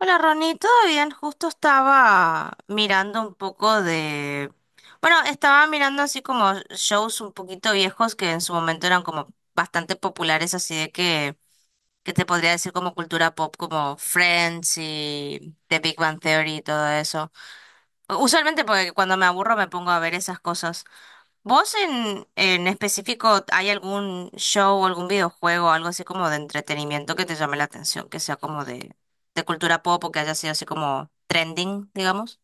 Hola Ronnie, ¿todo bien? Justo estaba mirando un poco de... Bueno, estaba mirando así como shows un poquito viejos que en su momento eran como bastante populares, así de que te podría decir como cultura pop, como Friends y The Big Bang Theory y todo eso. Usualmente porque cuando me aburro me pongo a ver esas cosas. ¿Vos en específico hay algún show o algún videojuego, algo así como de entretenimiento que te llame la atención, que sea como de cultura pop o que haya sido así como trending, digamos?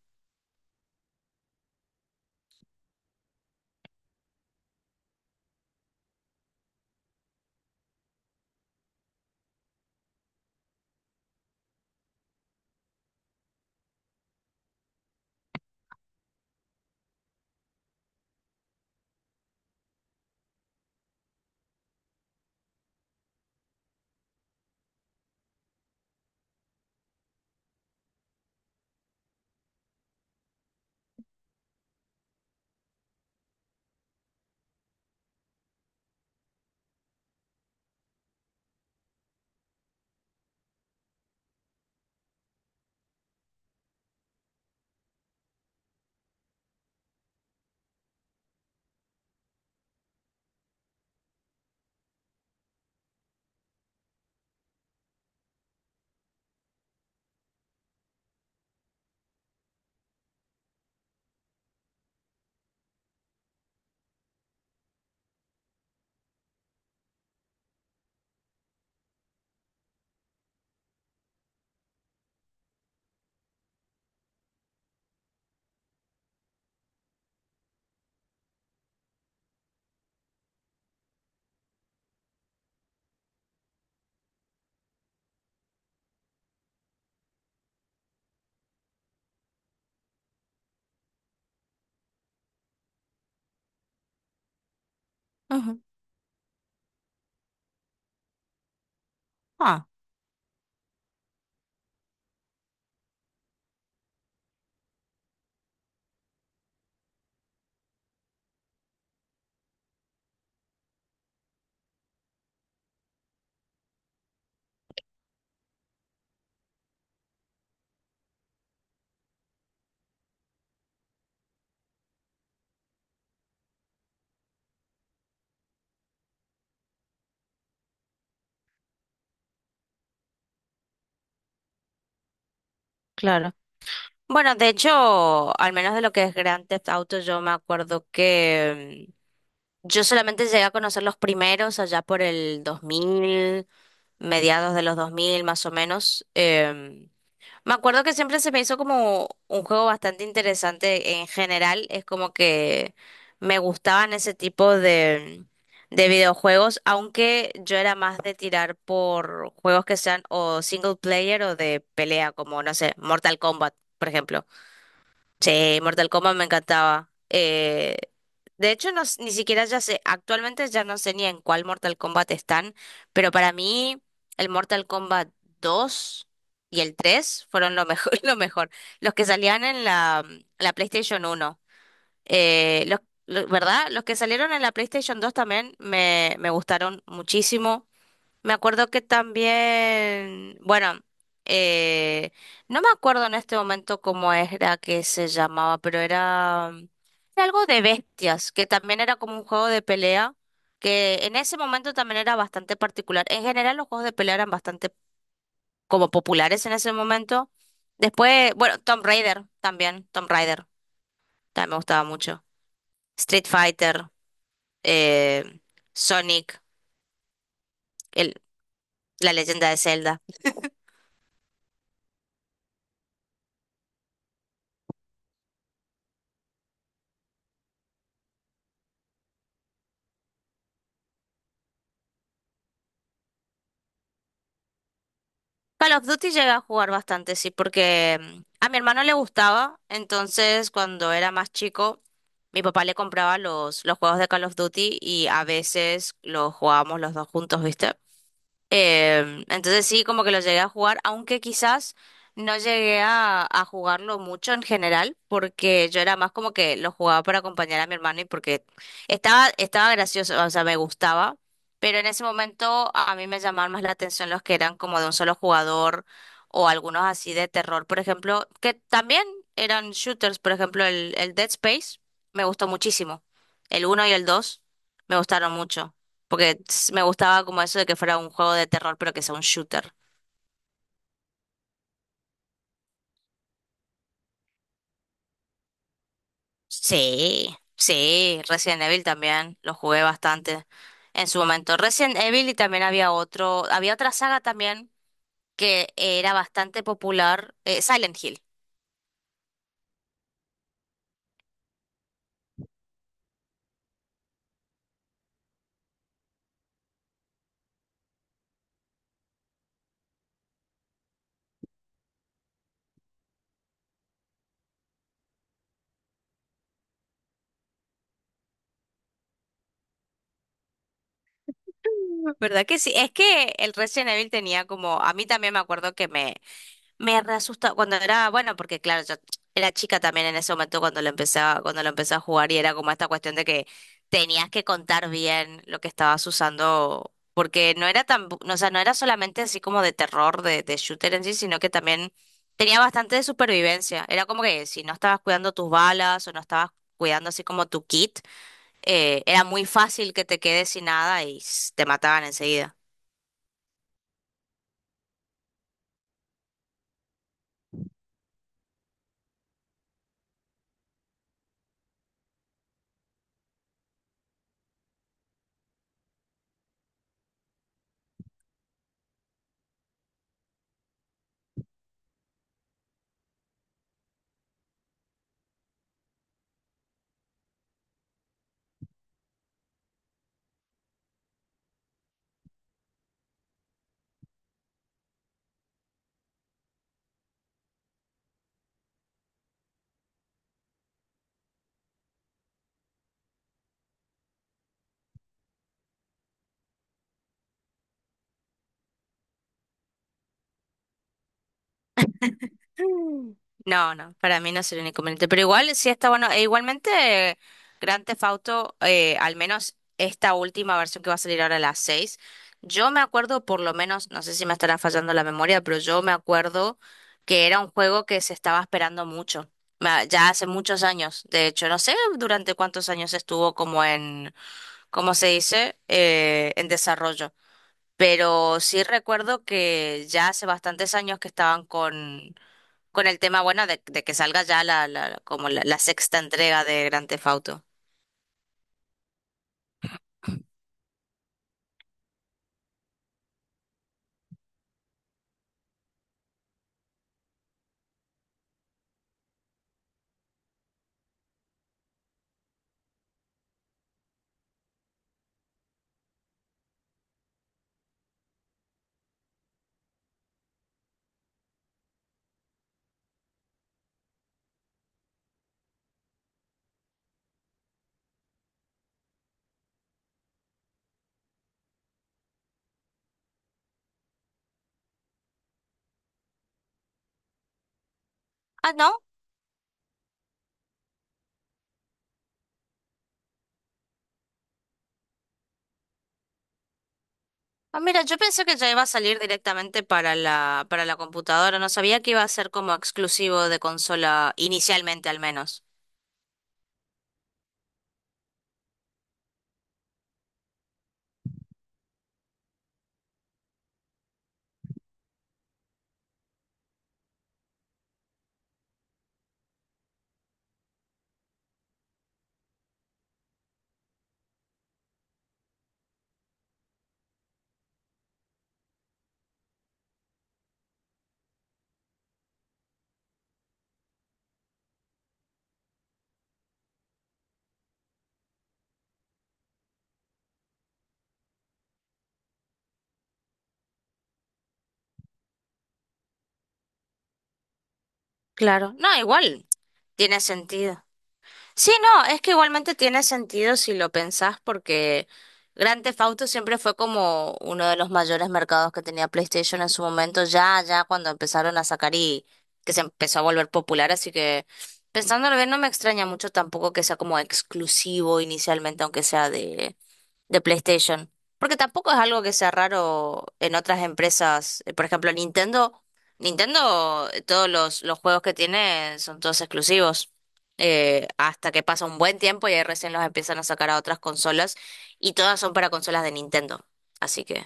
Ujú. Ah. Claro. Bueno, de hecho, al menos de lo que es Grand Theft Auto, yo me acuerdo que yo solamente llegué a conocer los primeros allá por el dos mil, mediados de los 2000 más o menos. Me acuerdo que siempre se me hizo como un juego bastante interesante en general. Es como que me gustaban ese tipo de videojuegos, aunque yo era más de tirar por juegos que sean o single player o de pelea, como no sé, Mortal Kombat, por ejemplo. Sí, Mortal Kombat me encantaba. De hecho, no, ni siquiera ya sé, actualmente ya no sé ni en cuál Mortal Kombat están, pero para mí el Mortal Kombat 2 y el 3 fueron lo mejor, lo mejor. Los que salían en la PlayStation uno. Eh, los, ¿Verdad? Los que salieron en la PlayStation dos también me gustaron muchísimo. Me acuerdo que también, bueno, eh, no me acuerdo en este momento cómo era que se llamaba, pero era algo de bestias, que también era como un juego de pelea, que en ese momento también era bastante particular. En general los juegos de pelea eran bastante como populares en ese momento. Después, bueno, Tomb Raider también me gustaba mucho. Street Fighter, eh, Sonic, el, la leyenda de Zelda. Call of Duty llegué a jugar bastante, sí, porque a mi hermano le gustaba, entonces cuando era más chico, mi papá le compraba los juegos de Call of Duty y a veces los jugábamos los dos juntos, ¿viste? Entonces sí, como que lo llegué a jugar, aunque quizás no llegué a jugarlo mucho en general, porque yo era más como que lo jugaba para acompañar a mi hermano y porque estaba gracioso, o sea, me gustaba, pero en ese momento a mí me llamaban más la atención los que eran como de un solo jugador o algunos así de terror, por ejemplo, que también eran shooters, por ejemplo, el Dead Space me gustó muchísimo, el uno y el 2 me gustaron mucho. Porque me gustaba como eso de que fuera un juego de terror, pero que sea un shooter. Sí, sí, Resident Evil también, lo jugué bastante en su momento. Resident Evil y también había otro, había otra saga también que era bastante popular, Silent Hill. ¿Verdad que sí? Es que el Resident Evil tenía como, a mí también me acuerdo que me re cuando era, bueno, porque claro, yo era chica también en ese momento cuando lo empecé cuando lo empecé a jugar y era como esta cuestión de que tenías que contar bien lo que estabas usando, porque no era tan, o sea, no era solamente así como de terror, de shooter en sí, sino que también tenía bastante de supervivencia. Era como que si no estabas cuidando tus balas o no estabas cuidando así como tu kit era muy fácil que te quedes sin nada y te mataban enseguida. Mm. No, no, para mí no sería un inconveniente. Pero igual sí está bueno. E igualmente, eh, Grand Theft Auto, al menos esta última versión que va a salir ahora a las seis, yo me acuerdo por lo menos, no sé si me estará fallando la memoria, pero yo me acuerdo que era un juego que se estaba esperando mucho. Ya hace muchos años, de hecho, no sé durante cuántos años estuvo como en, ¿cómo se dice? En desarrollo. Pero sí recuerdo que ya hace bastantes años que estaban con el tema, bueno, de que salga ya como la sexta entrega de Grand Theft Auto. Ah, ¿no? Ah, mira, yo pensé que ya iba a salir directamente para para la computadora, no sabía que iba a ser como exclusivo de consola inicialmente al menos. Claro, no, igual, tiene sentido. Sí, no, es que igualmente tiene sentido si lo pensás porque Grand Theft Auto siempre fue como uno de los mayores mercados que tenía PlayStation en su momento, ya cuando empezaron a sacar y que se empezó a volver popular, así que pensándolo bien no me extraña mucho tampoco que sea como exclusivo inicialmente, aunque sea de PlayStation. Porque tampoco es algo que sea raro en otras empresas. Por ejemplo, Nintendo, todos los juegos que tiene son todos exclusivos. Hasta que pasa un buen tiempo y ahí recién los empiezan a sacar a otras consolas. Y todas son para consolas de Nintendo. Así que,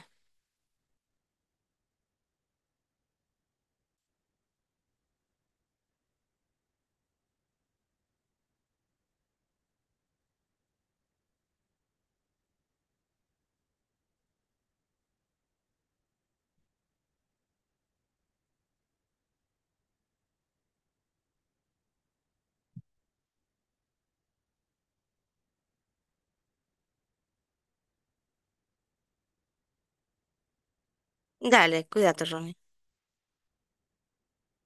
dale, cuídate, Ronnie.